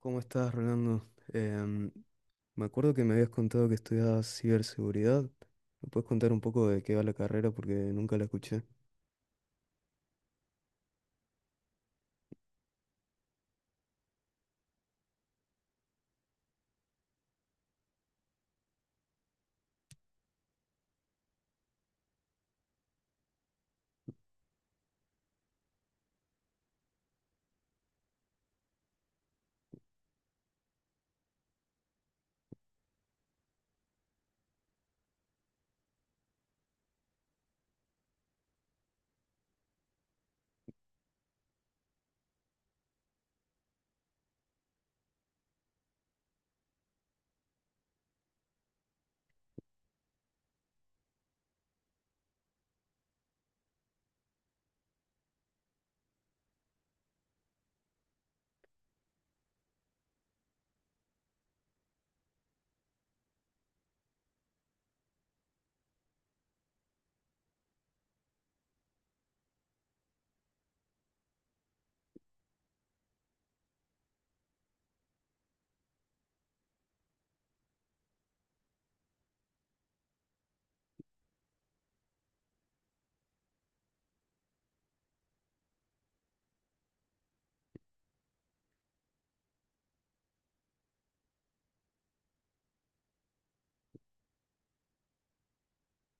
¿Cómo estás, Rolando? Em, Me acuerdo que me habías contado que estudiabas ciberseguridad. ¿Me puedes contar un poco de qué va la carrera? Porque nunca la escuché.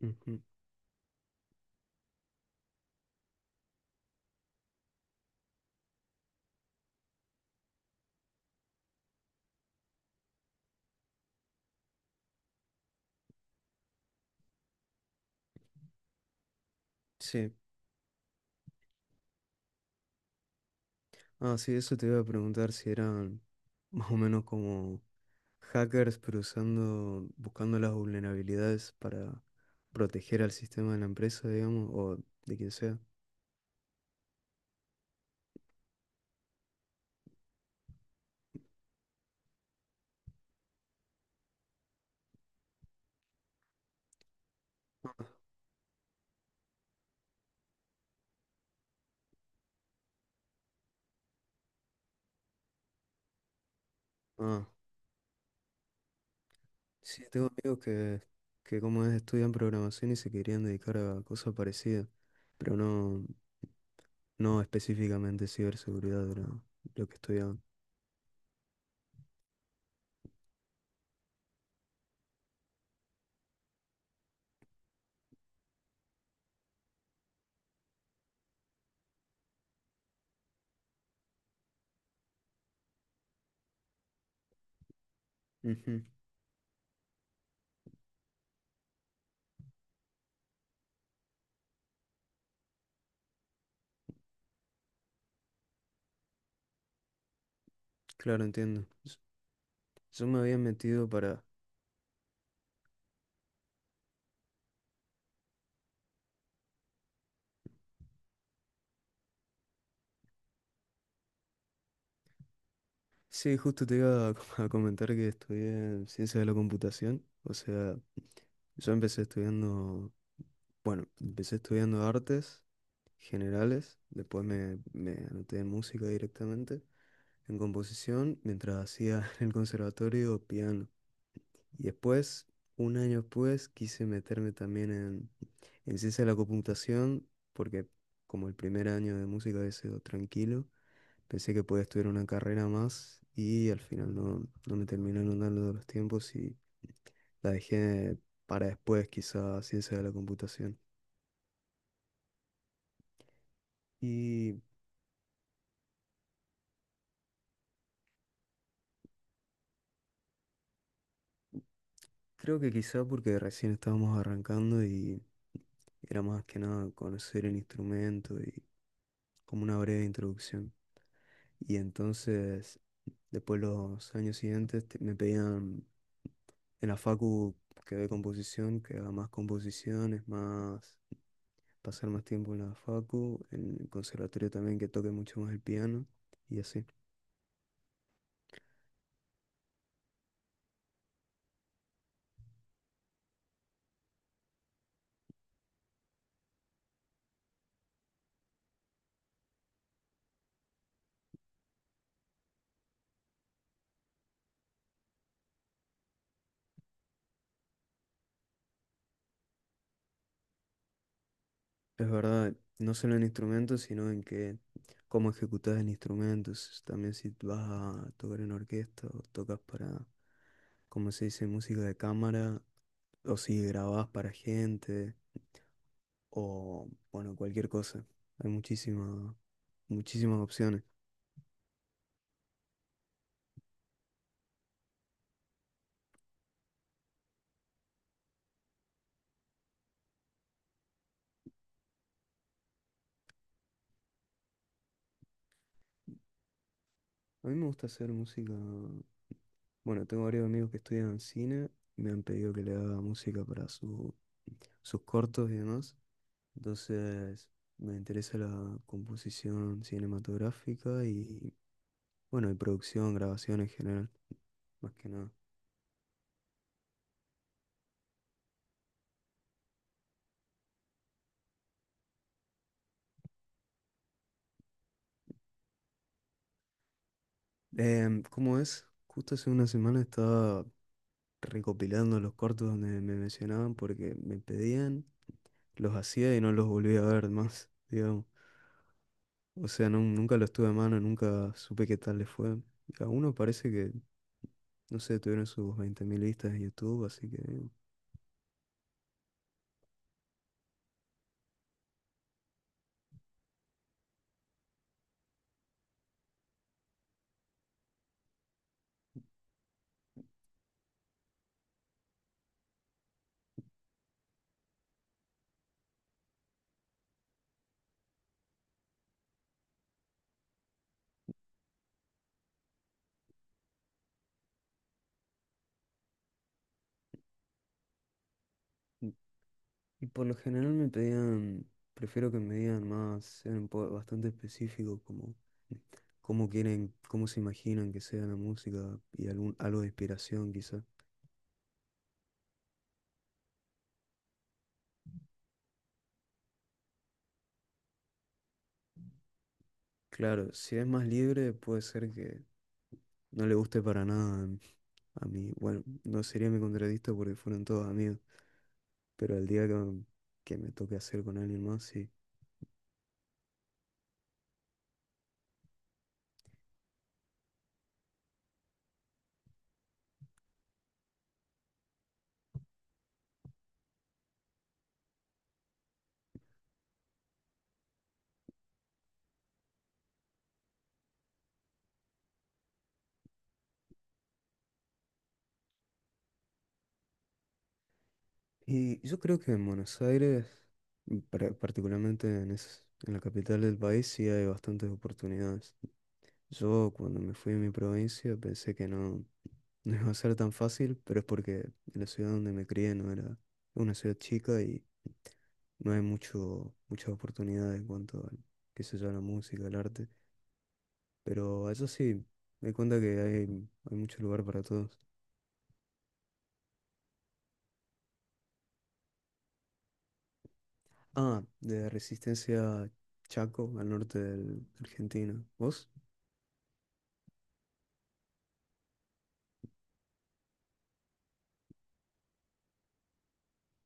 Ujú. Sí. Ah, sí, eso te iba a preguntar si eran más o menos como hackers, pero usando, buscando las vulnerabilidades para proteger al sistema de la empresa, digamos, o de quien sea. Ah, sí, tengo amigos que como es, estudian programación y se querían dedicar a cosas parecidas, pero no. No específicamente ciberseguridad era lo que estudiaba. Ujú. Claro, entiendo. S- yo me había metido para... Sí, justo te iba a com- a comentar que estudié ciencias de la computación. O sea, yo empecé estudiando, bueno, empecé estudiando artes generales, después me anoté en música directamente, en composición, mientras hacía en el conservatorio piano. Y después, un año después, quise meterme también en ciencia de la computación, porque como el primer año de música había sido tranquilo, pensé que podía estudiar una carrera más y al final no, no me terminaron dando los tiempos y la dejé para después, quizá ciencia de la computación. Y creo que quizá porque recién estábamos arrancando y era más que nada conocer el instrumento y como una breve introducción. Y entonces, después los años siguientes te- me pedían en la facu que de composición, que haga más composiciones, más pasar más tiempo en la facu, en el conservatorio también que toque mucho más el piano y así. Es verdad, no solo en instrumentos, sino en que cómo ejecutas el instrumento, s- también si vas a tocar en orquesta o tocas para, como se dice, música de cámara, o si grabás para gente, o, bueno, cualquier cosa. Hay muchísimas, muchísimas opciones. A mí me gusta hacer música. Bueno, tengo varios amigos que estudian cine, me han pedido que le haga música para su, sus cortos y demás. Entonces, me interesa la composición cinematográfica y, bueno, y producción, grabación en general, más que nada. ¿Cómo es? Justo hace una semana estaba recopilando los cortos donde me mencionaban porque me pedían. Los hacía y no los volví a ver más, digamos. O sea, nun- nunca los tuve a mano, nunca supe qué tal les fue. A uno parece que, no sé, tuvieron sus 20.000 vistas en YouTube, así que... Y por lo general me pedían, prefiero que me digan más, sean un po- bastante específicos, como cómo quieren, cómo se imaginan que sea la música y algún, algo de inspiración quizá. Claro, si es más libre puede ser que no le guste para nada a mí, bueno, no sería mi contradicto porque fueron todos amigos, pero el día que me toque hacer con alguien más, sí. Y yo creo que en Buenos Aires, mm, par- particularmente en, es- en la capital del país, sí hay bastantes oportunidades. Yo cuando me fui a mi provincia pensé que no, no iba a ser tan fácil, pero es porque la ciudad donde me crié no era una ciudad chica y no hay mucho, muchas oportunidades en cuanto a, qué sé yo, a la música, al arte. Pero allá sí, me di cuenta que hay mucho lugar para todos. Ah, de Resistencia, Chaco, al norte del- de Argentina. ¿Vos?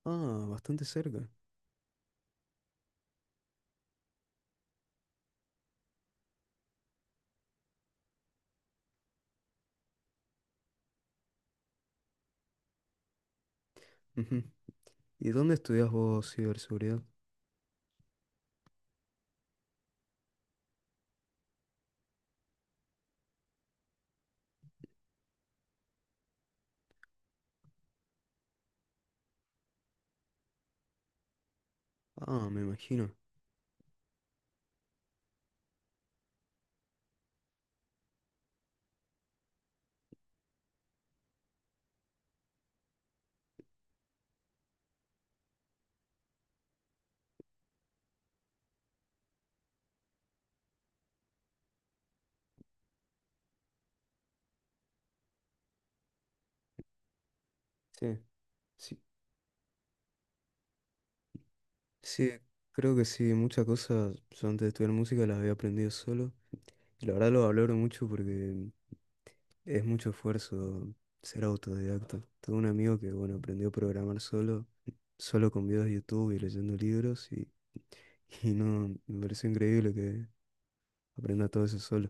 Ah, bastante cerca. Ujú. ¿Y dónde estudias vos ciberseguridad? Ah, me imagino. Sí, sí, sí, creo que sí, muchas cosas yo antes de estudiar música las había aprendido solo. Y la verdad lo valoro mucho porque es mucho esfuerzo ser autodidacta. Tengo un amigo que, bueno, aprendió a programar solo, solo con videos de YouTube y leyendo libros y no, me parece increíble que aprenda todo eso solo.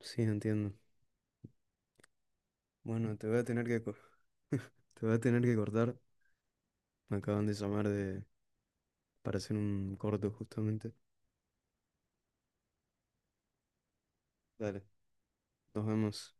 Sí, entiendo. Bueno, te voy a tener que, co- te voy a tener que cortar. Me acaban de llamar de, para hacer un corto justamente. Dale, nos vemos.